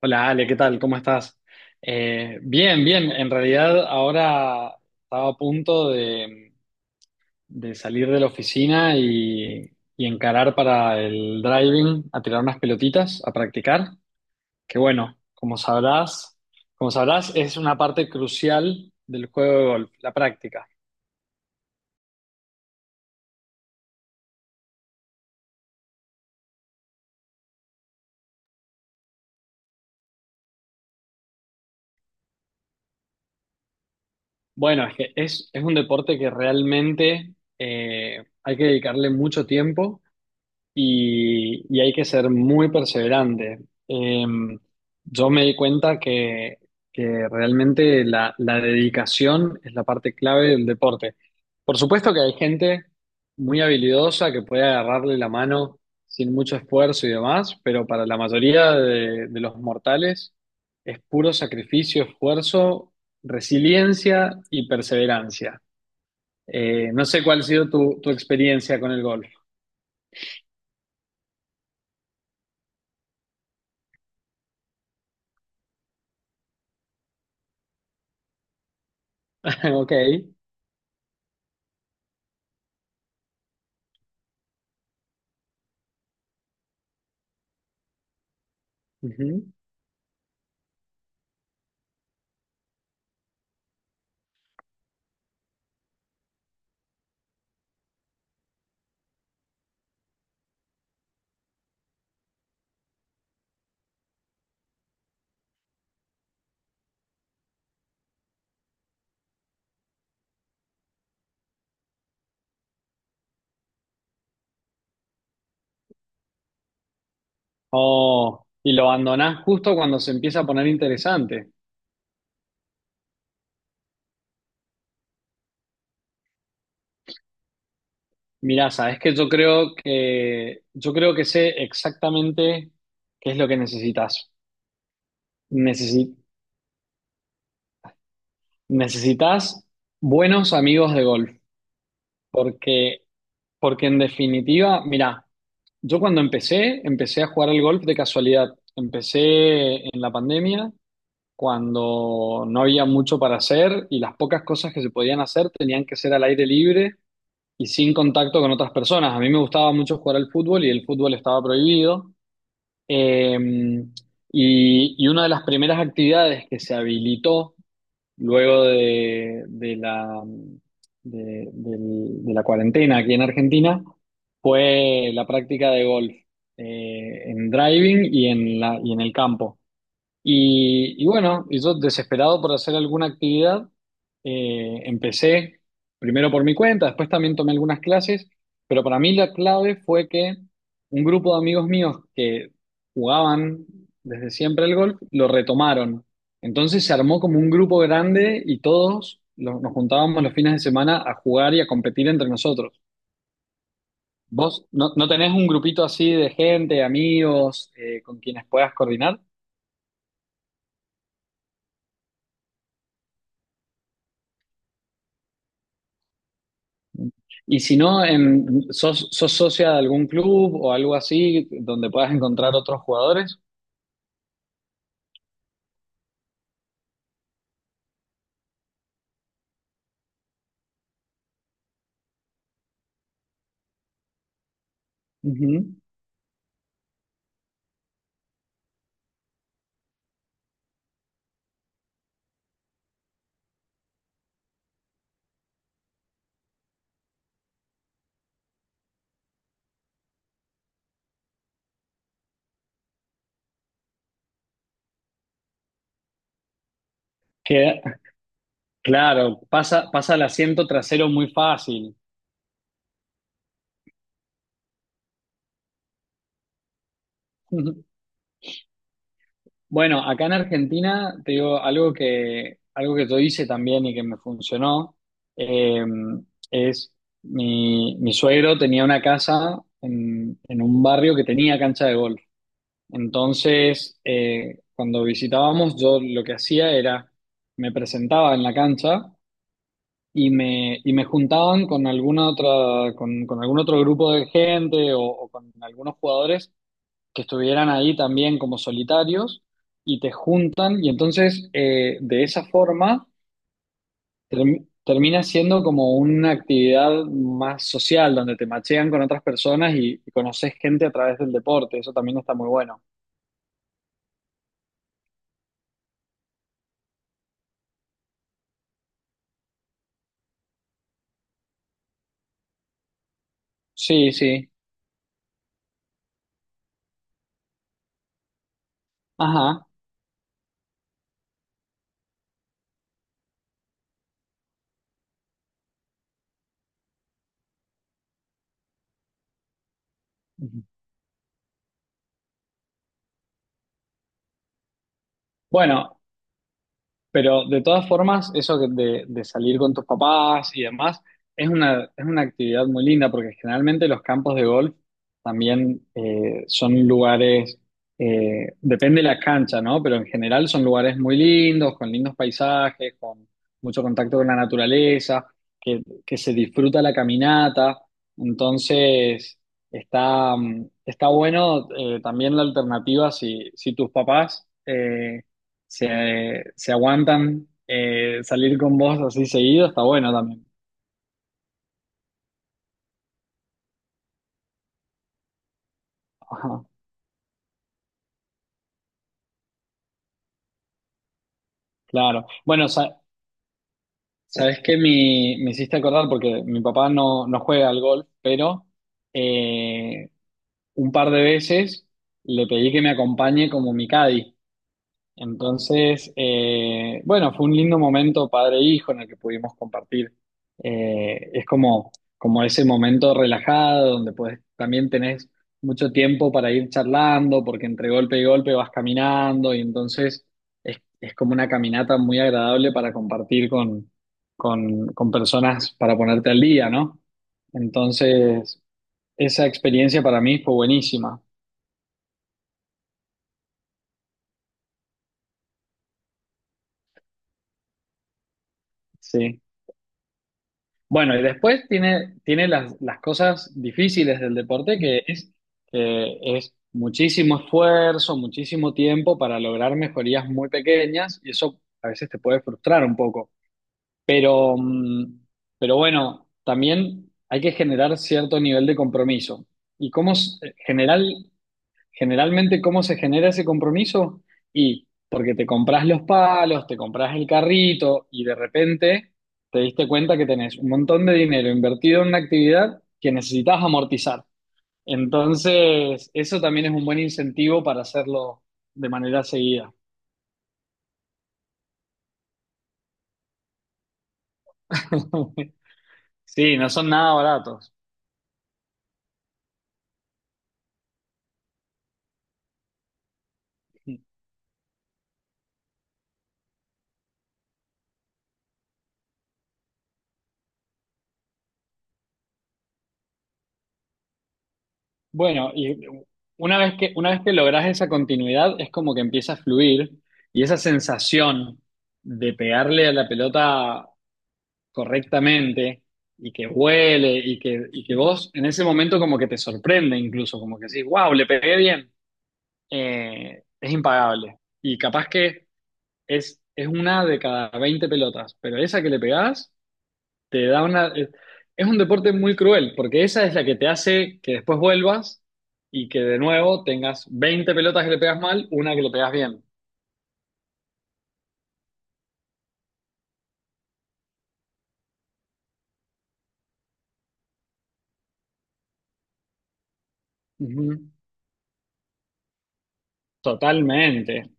Hola Ale, ¿qué tal? ¿Cómo estás? Bien, bien. En realidad ahora estaba a punto de salir de la oficina y encarar para el driving a tirar unas pelotitas, a practicar. Que bueno, como sabrás, es una parte crucial del juego de golf, la práctica. Bueno, es que es un deporte que realmente hay que dedicarle mucho tiempo y hay que ser muy perseverante. Eh, yo me di cuenta que realmente la dedicación es la parte clave del deporte. Por supuesto que hay gente muy habilidosa que puede agarrarle la mano sin mucho esfuerzo y demás, pero para la mayoría de los mortales es puro sacrificio, esfuerzo, resiliencia y perseverancia. No sé cuál ha sido tu experiencia con el golf. Ok. Ujú. Oh, y lo abandonás justo cuando se empieza a poner interesante. Mirá, sabes que yo creo que sé exactamente qué es lo que necesitas. Necesi- necesitas buenos amigos de golf, porque porque en definitiva, mirá, yo cuando empecé, empecé a jugar al golf de casualidad. Empecé en la pandemia cuando no había mucho para hacer y las pocas cosas que se podían hacer tenían que ser al aire libre y sin contacto con otras personas. A mí me gustaba mucho jugar al fútbol y el fútbol estaba prohibido. Eh, y una de las primeras actividades que se habilitó luego de la cuarentena aquí en Argentina fue la práctica de golf en driving y en y en el campo. Y bueno, y yo desesperado por hacer alguna actividad, empecé primero por mi cuenta, después también tomé algunas clases, pero para mí la clave fue que un grupo de amigos míos que jugaban desde siempre el golf, lo retomaron. Entonces se armó como un grupo grande y nos juntábamos los fines de semana a jugar y a competir entre nosotros. ¿Vos no tenés un grupito así de gente, amigos, con quienes puedas coordinar? Y si no, sos socia de algún club o algo así donde puedas encontrar otros jugadores? Ujú. Que, claro, pasa, pasa el asiento trasero muy fácil. Bueno, acá en Argentina, te digo, algo que yo hice también y que me funcionó, eh, es mi suegro tenía una casa en un barrio que tenía cancha de golf. Entonces, cuando visitábamos, yo lo que hacía me presentaba en la cancha y me juntaban con con algún otro grupo de gente o con algunos jugadores que estuvieran ahí también como solitarios y te juntan y entonces de esa forma termina siendo como una actividad más social donde te machean con otras personas y conoces gente a través del deporte. Eso también está muy bueno. Sí, sí. Ajá. Ujú. Bueno, pero de todas formas, eso que de salir con tus papás y demás, es es una actividad muy linda porque generalmente los campos de golf también son lugares, depende de la cancha, ¿no? Pero en general son lugares muy lindos, con lindos paisajes, con mucho contacto con la naturaleza, que se disfruta la caminata. Entonces, está, está bueno también la alternativa si tus papás... se aguantan salir con vos así seguido, está bueno también. Ajá, claro. Bueno, sabes que mi, me hiciste acordar porque mi papá no juega al golf, pero eh, un par de veces le pedí que me acompañe como mi caddy. Entonces, bueno, fue un lindo momento padre e hijo en el que pudimos compartir. Es como, como ese momento relajado donde pues también tenés mucho tiempo para ir charlando, porque entre golpe y golpe vas caminando y entonces es como una caminata muy agradable para compartir con personas para ponerte al día, ¿no? Entonces, esa experiencia para mí fue buenísima, sí. Bueno, y después tiene, tiene las cosas difíciles del deporte, que es muchísimo esfuerzo, muchísimo tiempo para lograr mejorías muy pequeñas, y eso a veces te puede frustrar un poco. Pero, pero bueno, también hay que generar cierto nivel de compromiso. Y como general, Generalmente, ¿cómo se genera ese compromiso? Y porque te compras los palos, te compras el carrito y de repente te diste cuenta que tenés un montón de dinero invertido en una actividad que necesitas amortizar. Entonces, eso también es un buen incentivo para hacerlo de manera seguida. Sí, no son nada baratos. Bueno, y una vez que logras esa continuidad, es como que empieza a fluir y esa sensación de pegarle a la pelota correctamente y que huele y que vos en ese momento como que te sorprende incluso, como que decís, wow, le pegué bien, es impagable. Y capaz que es una de cada 20 pelotas, pero esa que le pegás te da una... es un deporte muy cruel, porque esa es la que te hace que después vuelvas y que de nuevo tengas 20 pelotas que le pegas mal, una que le pegas bien. Ujú. Totalmente.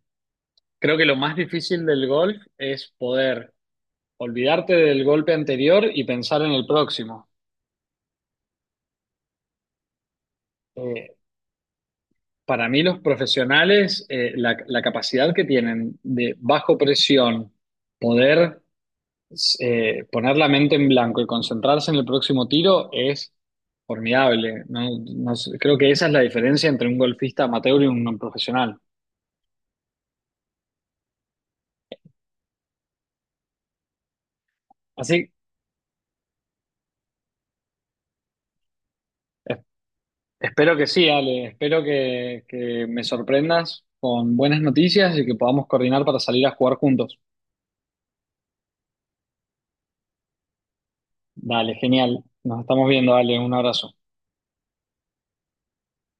Creo que lo más difícil del golf es poder olvidarte del golpe anterior y pensar en el próximo. Eh, para mí los profesionales, la capacidad que tienen de bajo presión poder poner la mente en blanco y concentrarse en el próximo tiro es formidable. No, No sé, creo que esa es la diferencia entre un golfista amateur y un no profesional. Así, es- espero que sí, Ale, espero que me sorprendas con buenas noticias y que podamos coordinar para salir a jugar juntos. Dale, genial. Nos estamos viendo, dale, un abrazo.